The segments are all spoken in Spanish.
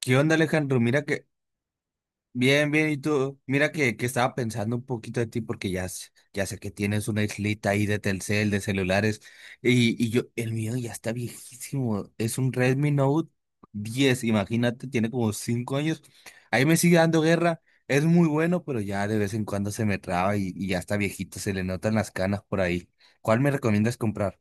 ¿Qué onda, Alejandro? Mira que, bien, bien, y tú, mira que, estaba pensando un poquito de ti porque ya, ya sé que tienes una islita ahí de Telcel, de celulares, y yo, el mío ya está viejísimo, es un Redmi Note diez. Imagínate, tiene como 5 años, ahí me sigue dando guerra, es muy bueno, pero ya de vez en cuando se me traba y ya está viejito, se le notan las canas por ahí. ¿Cuál me recomiendas comprar?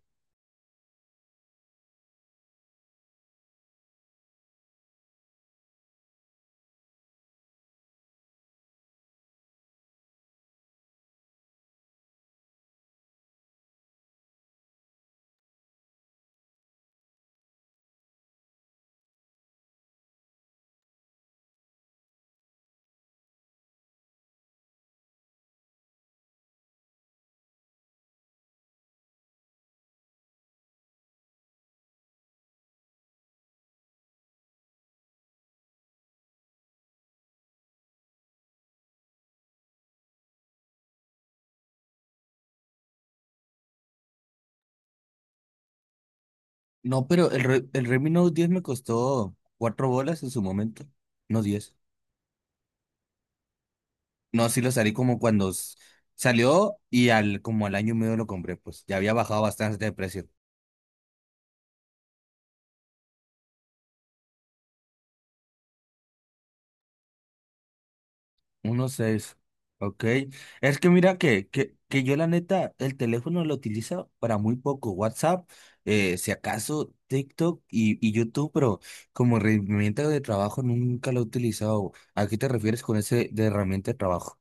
No, pero el Redmi Note diez me costó 4 bolas en su momento, no 10. No, sí lo salí como cuando salió y al como al año y medio lo compré, pues ya había bajado bastante de precio. Uno seis. Ok. Es que mira que, yo la neta, el teléfono lo utilizo para muy poco. WhatsApp, si acaso TikTok y YouTube, pero como herramienta de trabajo nunca lo he utilizado. ¿A qué te refieres con ese de herramienta de trabajo?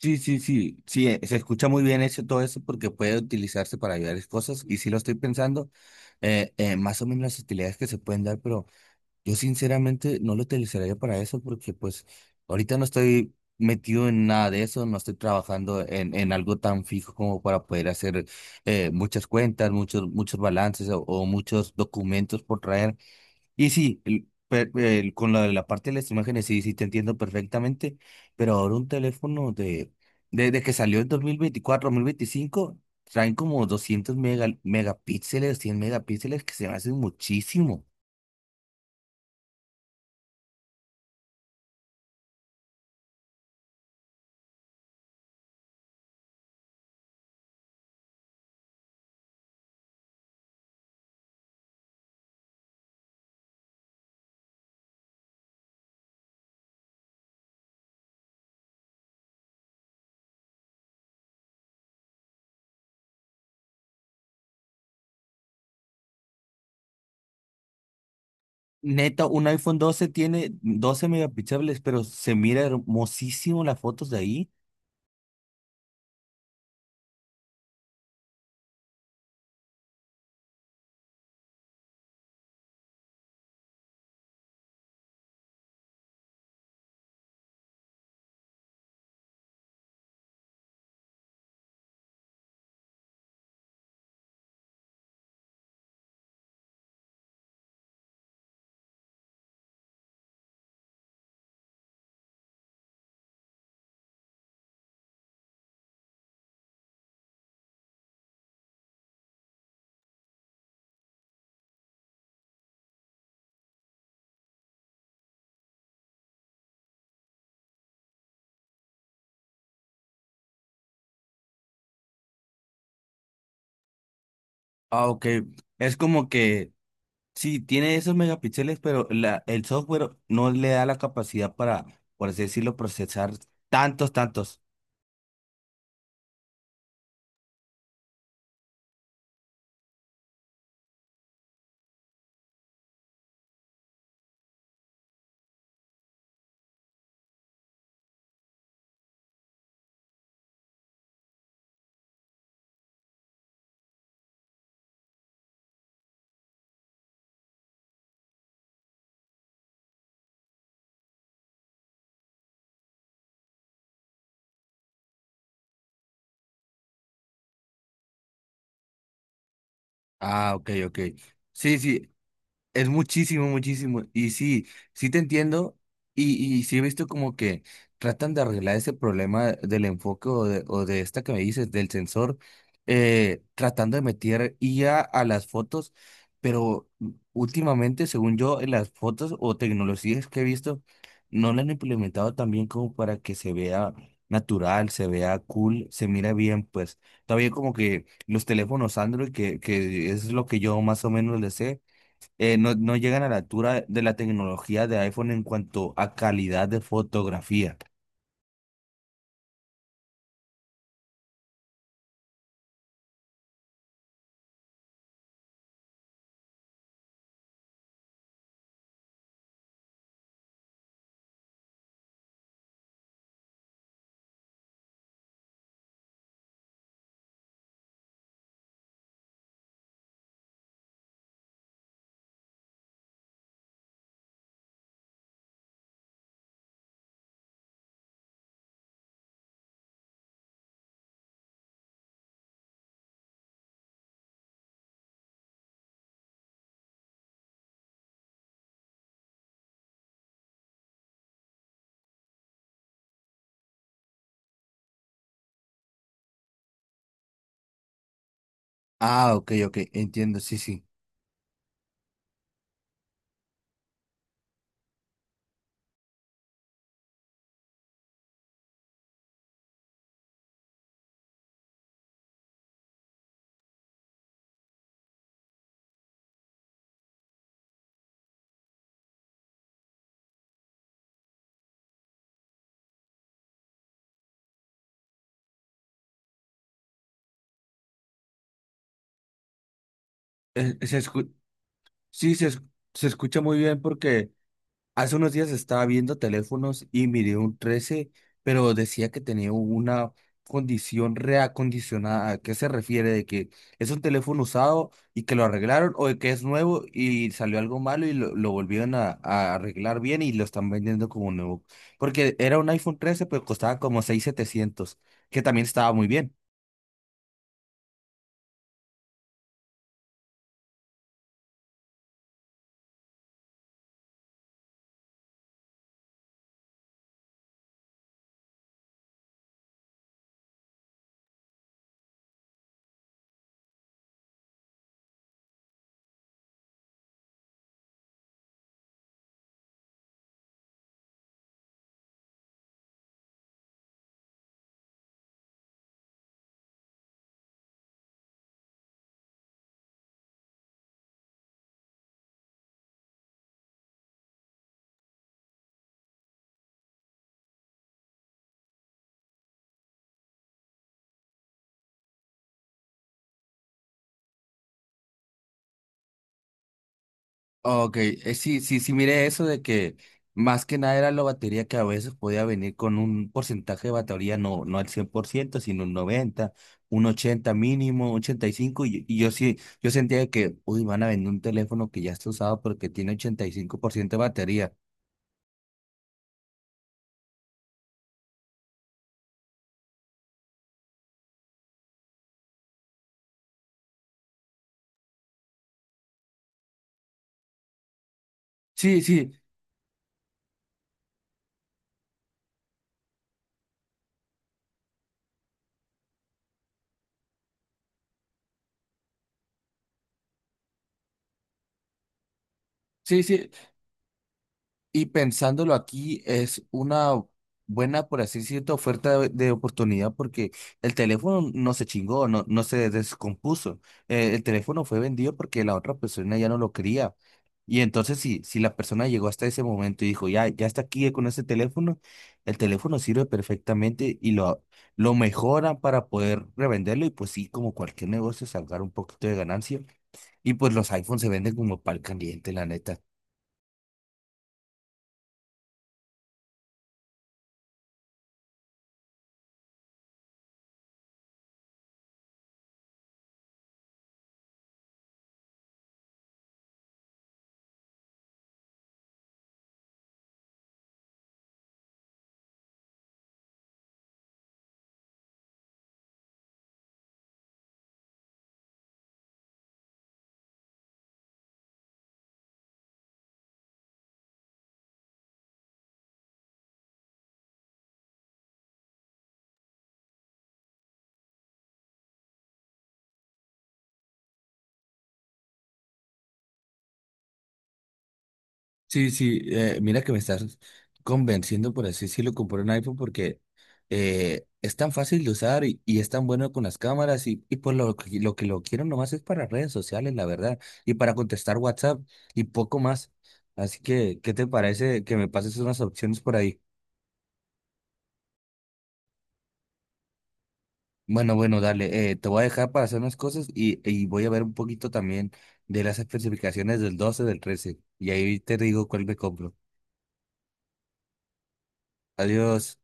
Sí, sí, sí, sí, se escucha muy bien eso, todo eso porque puede utilizarse para varias cosas y sí lo estoy pensando, más o menos las utilidades que se pueden dar, pero yo sinceramente no lo utilizaría para eso porque pues ahorita no estoy metido en nada de eso, no estoy trabajando en algo tan fijo como para poder hacer muchas cuentas, muchos, muchos balances o muchos documentos por traer. Y sí, con la parte de las imágenes sí, sí te entiendo perfectamente, pero ahora un teléfono de, desde que salió en 2024 2025, traen como 200 megapíxeles, 100 megapíxeles, que se me hacen muchísimo. Neta, un iPhone doce tiene 12 megapíxeles, pero se mira hermosísimo las fotos de ahí. Ah, ok. Es como que sí, tiene esos megapíxeles, pero el software no le da la capacidad para, por así decirlo, procesar tantos, tantos. Ah, ok, ok. Sí, sí, es muchísimo, muchísimo. Y sí, sí te entiendo. Y sí he visto como que tratan de arreglar ese problema del enfoque o de esta que me dices, del sensor, tratando de meter IA a las fotos. Pero últimamente, según yo, en las fotos o tecnologías que he visto, no la han implementado tan bien como para que se vea natural, se vea cool, se mira bien. Pues todavía como que los teléfonos Android, que es lo que yo más o menos le sé, no, no llegan a la altura de la tecnología de iPhone en cuanto a calidad de fotografía. Ah, ok, ok, entiendo, sí, sí. Eh, se escu- sí, se escucha muy bien porque hace unos días estaba viendo teléfonos y miré un 13, pero decía que tenía una condición reacondicionada. ¿A qué se refiere? ¿De que es un teléfono usado y que lo arreglaron o de que es nuevo y salió algo malo y lo volvieron a arreglar bien y lo están vendiendo como nuevo? Porque era un iPhone 13, pero costaba como 6,700, que también estaba muy bien. Ok, sí, sí, sí, mire eso de que más que nada era la batería que a veces podía venir con un porcentaje de batería, no, no al 100%, sino un 90, un 80 mínimo, ochenta y cinco. Y y yo sí, yo sentía que, uy, van a vender un teléfono que ya está usado porque tiene ochenta y cinco por ciento de batería. Sí, sí, sí, sí, y pensándolo aquí, es una buena, por así decirlo, oferta de oportunidad porque el teléfono no se chingó, no, no se descompuso. El teléfono fue vendido porque la otra persona ya no lo quería. Y entonces, si, si la persona llegó hasta ese momento y dijo, ya, ya está aquí con ese teléfono, el teléfono sirve perfectamente lo mejoran para poder revenderlo y pues sí, como cualquier negocio, sacar un poquito de ganancia. Y pues los iPhones se venden como pal caliente, la neta. Sí, sí, mira que me estás convenciendo, por así decirlo, comprar un iPhone porque es tan fácil de usar y es tan bueno con las cámaras y por lo que lo quiero nomás es para redes sociales, la verdad, y para contestar WhatsApp y poco más. Así que, ¿qué te parece que me pases unas opciones por ahí? Bueno, bueno, dale, te voy a dejar para hacer unas cosas y voy a ver un poquito también de las especificaciones del 12 del 13 y ahí te digo cuál me compro. Adiós.